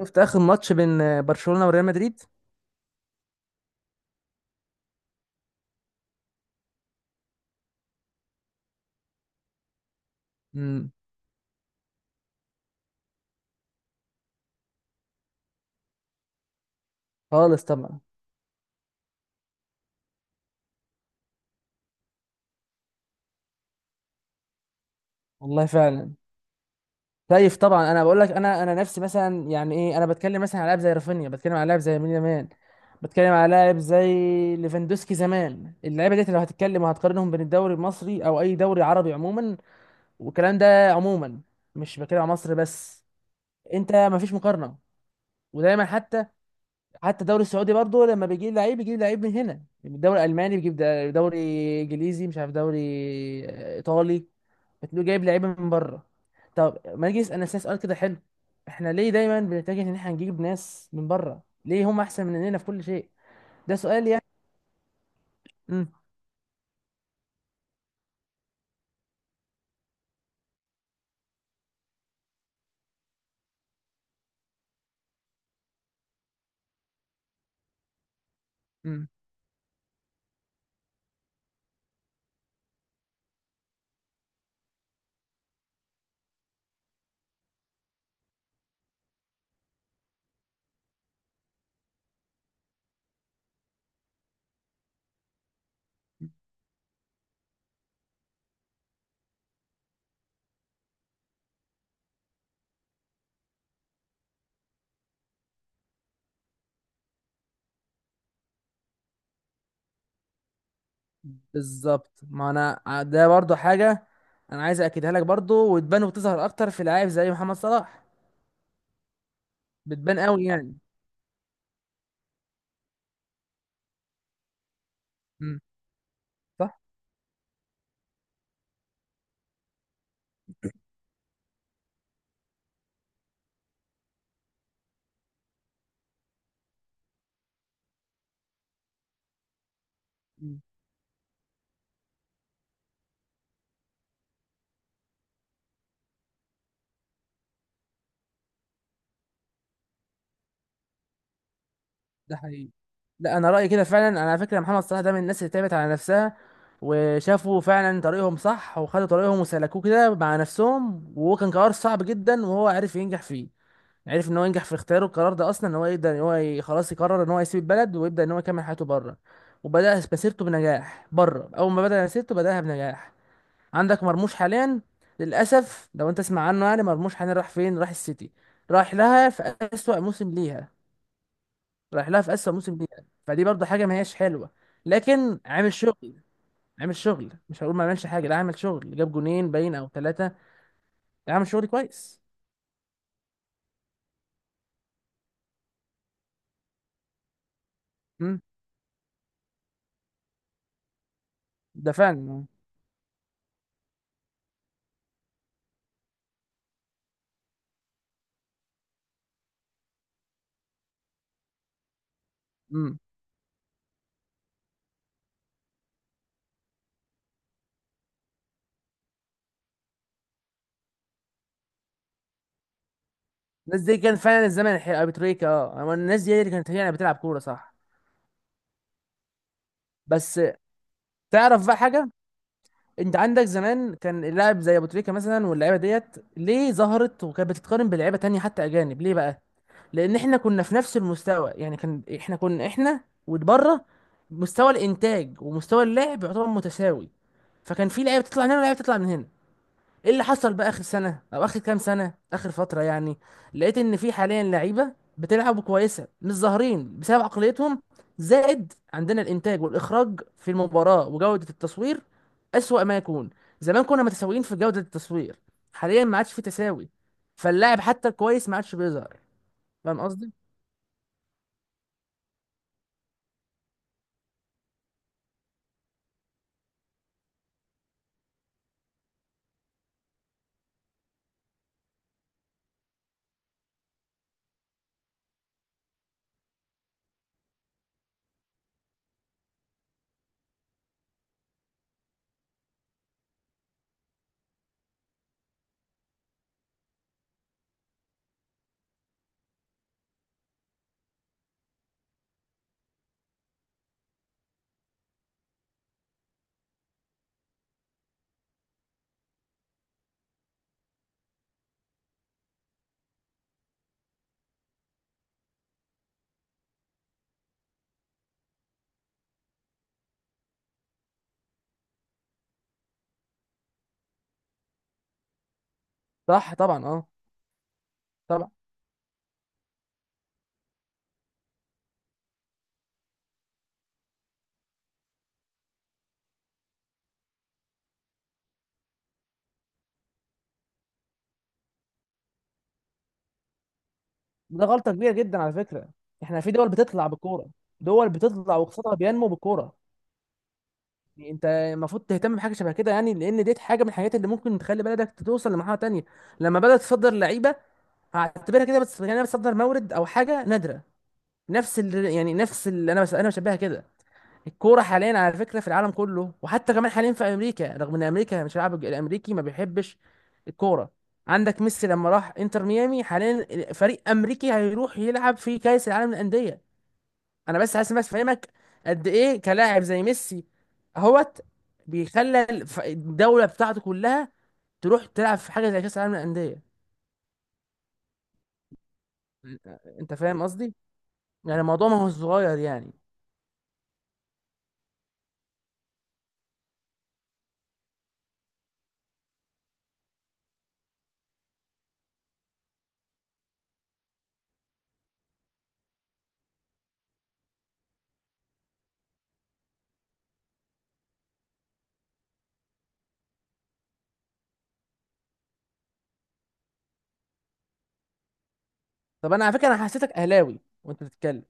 شفت اخر ماتش بين برشلونة وريال مدريد. امم خالص طبعا. والله فعلا. خايف طبعا، انا بقول لك، انا نفسي مثلا، يعني ايه، انا بتكلم مثلا على لاعب زي رافينيا، بتكلم على لاعب زي يمين يامال، بتكلم على لاعب زي ليفاندوسكي زمان. اللعيبه ديت لو هتتكلم وهتقارنهم بين الدوري المصري او اي دوري عربي عموما، والكلام ده عموما، مش بتكلم على مصر بس. انت مفيش مقارنه. ودايما حتى الدوري السعودي برضه لما بيجيب لعيب، بيجيب لعيب من هنا. الدوري الالماني بيجيب، دوري انجليزي، مش عارف، دوري ايطالي، بتلاقيه جايب لعيبه من بره. طب ما نيجي نسال نفسنا سؤال كده حلو: احنا ليه دايما بنتجه ان احنا نجيب ناس من بره؟ ليه هم احسن مننا في كل شيء؟ ده سؤال يعني. امم امم بالظبط. ما انا ده برضه حاجه انا عايز اكدها لك برضه، وتبان وتظهر اكتر في لعيب زي محمد صلاح. بتبان قوي يعني. امم صح. ده حقيقي. لا، انا رايي كده فعلا. انا على فكره محمد صلاح ده من الناس اللي تعبت على نفسها، وشافوا فعلا طريقهم صح، وخدوا طريقهم وسلكوه كده مع نفسهم. وهو كان قرار صعب جدا وهو عرف ينجح فيه. عرف ان هو ينجح في اختياره. القرار ده اصلا ان هو يقدر ان هو خلاص يقرر ان هو يسيب البلد ويبدا ان هو يكمل حياته بره، وبدا مسيرته بنجاح بره. اول ما بدا مسيرته بداها بنجاح. عندك مرموش حاليا، للاسف لو انت تسمع عنه، يعني مرموش حاليا راح فين؟ راح السيتي، راح لها في اسوأ موسم ليها. رايح لها في اسوأ موسم ليها، فدي برضه حاجه ما هياش حلوه. لكن عامل شغل. عامل شغل، مش هقول ما عملش حاجه، لا عامل شغل، جاب جونين باين او ثلاثه. لا عامل شغل كويس. امم ده فعلا. امم الناس دي كان فعلا الزمن الحقيقي. ابو تريكة، اه هو، الناس دي هي اللي كانت يعني بتلعب كوره صح. بس تعرف بقى حاجه، انت عندك زمان كان اللاعب زي ابو تريكة مثلا واللعيبه ديت، ليه ظهرت وكانت بتتقارن بلعيبه تانية حتى اجانب؟ ليه بقى؟ لان احنا كنا في نفس المستوى. يعني كان احنا، كنا احنا وبره، مستوى الانتاج ومستوى اللعب يعتبر متساوي. فكان في لعيبه تطلع من هنا ولعيبه تطلع من هنا. ايه اللي حصل بقى اخر سنه او اخر كام سنه، اخر فتره يعني؟ لقيت ان في حاليا لعيبه بتلعب كويسه مش ظاهرين بسبب عقليتهم، زائد عندنا الانتاج والاخراج في المباراه وجوده التصوير اسوأ ما يكون. زمان كنا متساويين في جوده التصوير، حاليا ما عادش في تساوي، فاللاعب حتى الكويس ما عادش بيظهر. فاهم قصدي؟ صح طبعا. اه طبعا. ده غلطه كبيره جدا على فكره. احنا في دول بتطلع بالكوره. دول بتطلع واقتصادها بينمو بالكوره. يعني انت المفروض تهتم بحاجه شبه كده، يعني لان ديت حاجه من الحاجات اللي ممكن تخلي بلدك توصل لمرحله تانية لما بدات تصدر لعيبه. هعتبرها كده بس، يعني انا بتصدر مورد او حاجه نادره. نفس اللي يعني، نفس اللي انا، بس انا بشبهها كده. الكوره حاليا على فكره في العالم كله، وحتى كمان حاليا في امريكا، رغم ان امريكا مش، اللاعب الامريكي ما بيحبش الكوره، عندك ميسي لما راح انتر ميامي، حاليا فريق امريكي هيروح يلعب في كاس العالم للانديه. انا بس عايز بس افهمك قد ايه كلاعب زي ميسي اهوت بيخلى الدوله بتاعته كلها تروح تلعب في حاجه زي كاس العالم للانديه. انت فاهم قصدي؟ يعني الموضوع ما هو صغير يعني. طب انا على فكره انا حسيتك اهلاوي وانت بتتكلم.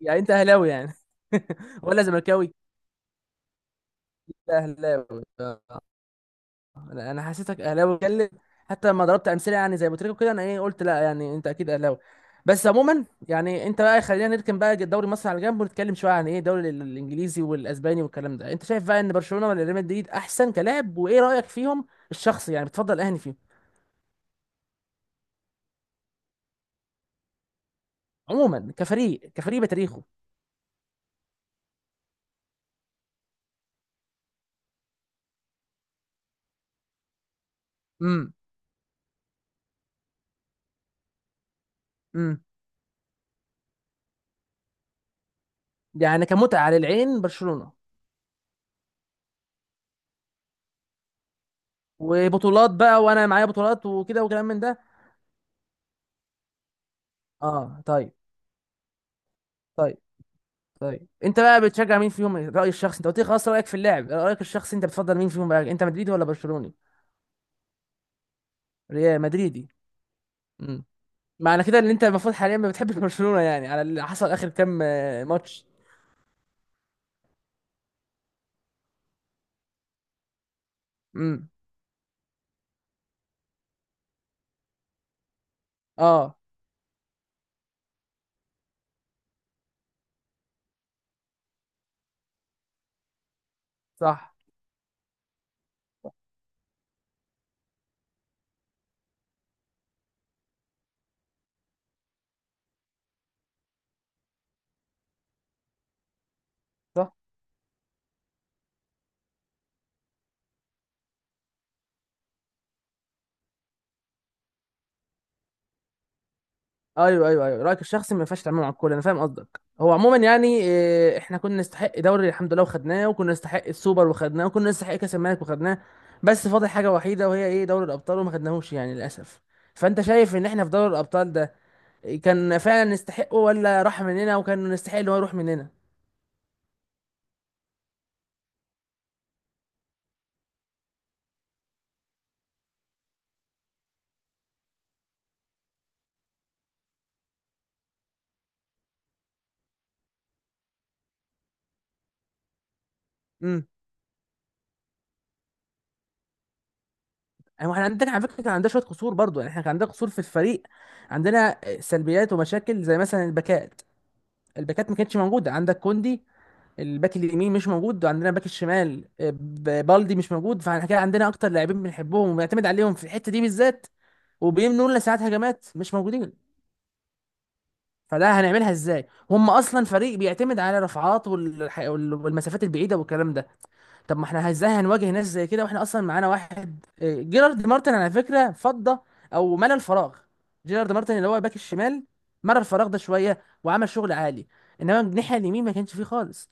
يعني انت اهلاوي يعني ولا زملكاوي؟ اهلاوي آه. انا أنا حسيتك اهلاوي بتكلم، حتى لما ضربت امثله يعني زي بوتريكو كده، انا ايه قلت، لا يعني انت اكيد اهلاوي. بس عموما يعني انت بقى، خلينا نركن بقى دوري مصر على جنب ونتكلم شويه عن ايه الدوري الانجليزي والاسباني والكلام ده. انت شايف بقى ان برشلونه ولا ريال مدريد احسن كلاعب؟ وايه رايك فيهم الشخصي؟ يعني بتفضل اهني فيهم عموما، كفريق، كفريق بتاريخه. امم امم يعني كمتعه للعين برشلونه، وبطولات بقى وانا معايا بطولات وكده وكلام من ده. اه طيب. طيب. طيب انت بقى بتشجع مين فيهم رأي الشخص؟ انت قلت لي خلاص رأيك في اللاعب، رأيك الشخصي انت بتفضل مين فيهم بقى؟ انت مدريدي ولا برشلوني؟ ريال مدريدي. امم معنى كده ان انت المفروض حاليا ما بتحبش برشلونة، يعني على اللي حصل اخر كام ماتش. امم اه صح صح. ايوه ايوه ايوه، رأيك الشخصي ما ينفعش تعمله مع الكل، انا فاهم قصدك. هو عموما يعني احنا كنا نستحق دوري الحمد لله وخدناه، وكنا نستحق السوبر وخدناه، وكنا نستحق كاس الملك وخدناه. بس فاضل حاجة وحيدة وهي ايه؟ دوري الابطال وما خدناهوش يعني للاسف. فانت شايف ان احنا في دوري الابطال ده كان فعلا يستحقه، ولا راح مننا وكان يستحق ان هو يروح مننا؟ امم يعني احنا عندنا على فكره كان عندنا شويه قصور برضو، يعني احنا كان عندنا قصور في الفريق، عندنا سلبيات ومشاكل زي مثلا الباكات. الباكات ما كانتش موجوده، عندك كوندي الباك اليمين مش موجود، وعندنا باك الشمال بالدي مش موجود. فاحنا كده عندنا اكتر لاعبين بنحبهم وبنعتمد عليهم في الحته دي بالذات وبيمنوا لنا ساعات هجمات، مش موجودين. فده هنعملها ازاي هم اصلا فريق بيعتمد على رفعات والمسافات البعيده والكلام ده؟ طب ما احنا ازاي هنواجه ناس زي كده واحنا اصلا معانا واحد جيرارد مارتن على فكره فضى او ملى الفراغ. جيرارد مارتن اللي هو باك الشمال، ملى الفراغ ده شويه وعمل شغل عالي. انما الناحيه اليمين ما كانش فيه خالص،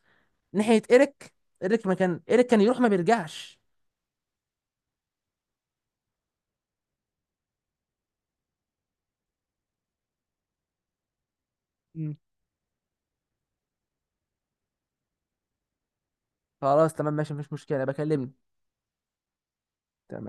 ناحيه ايريك. ايريك ما كان، ايريك كان يروح ما بيرجعش. مم. خلاص تمام ماشي، مفيش مشكله، بكلمني.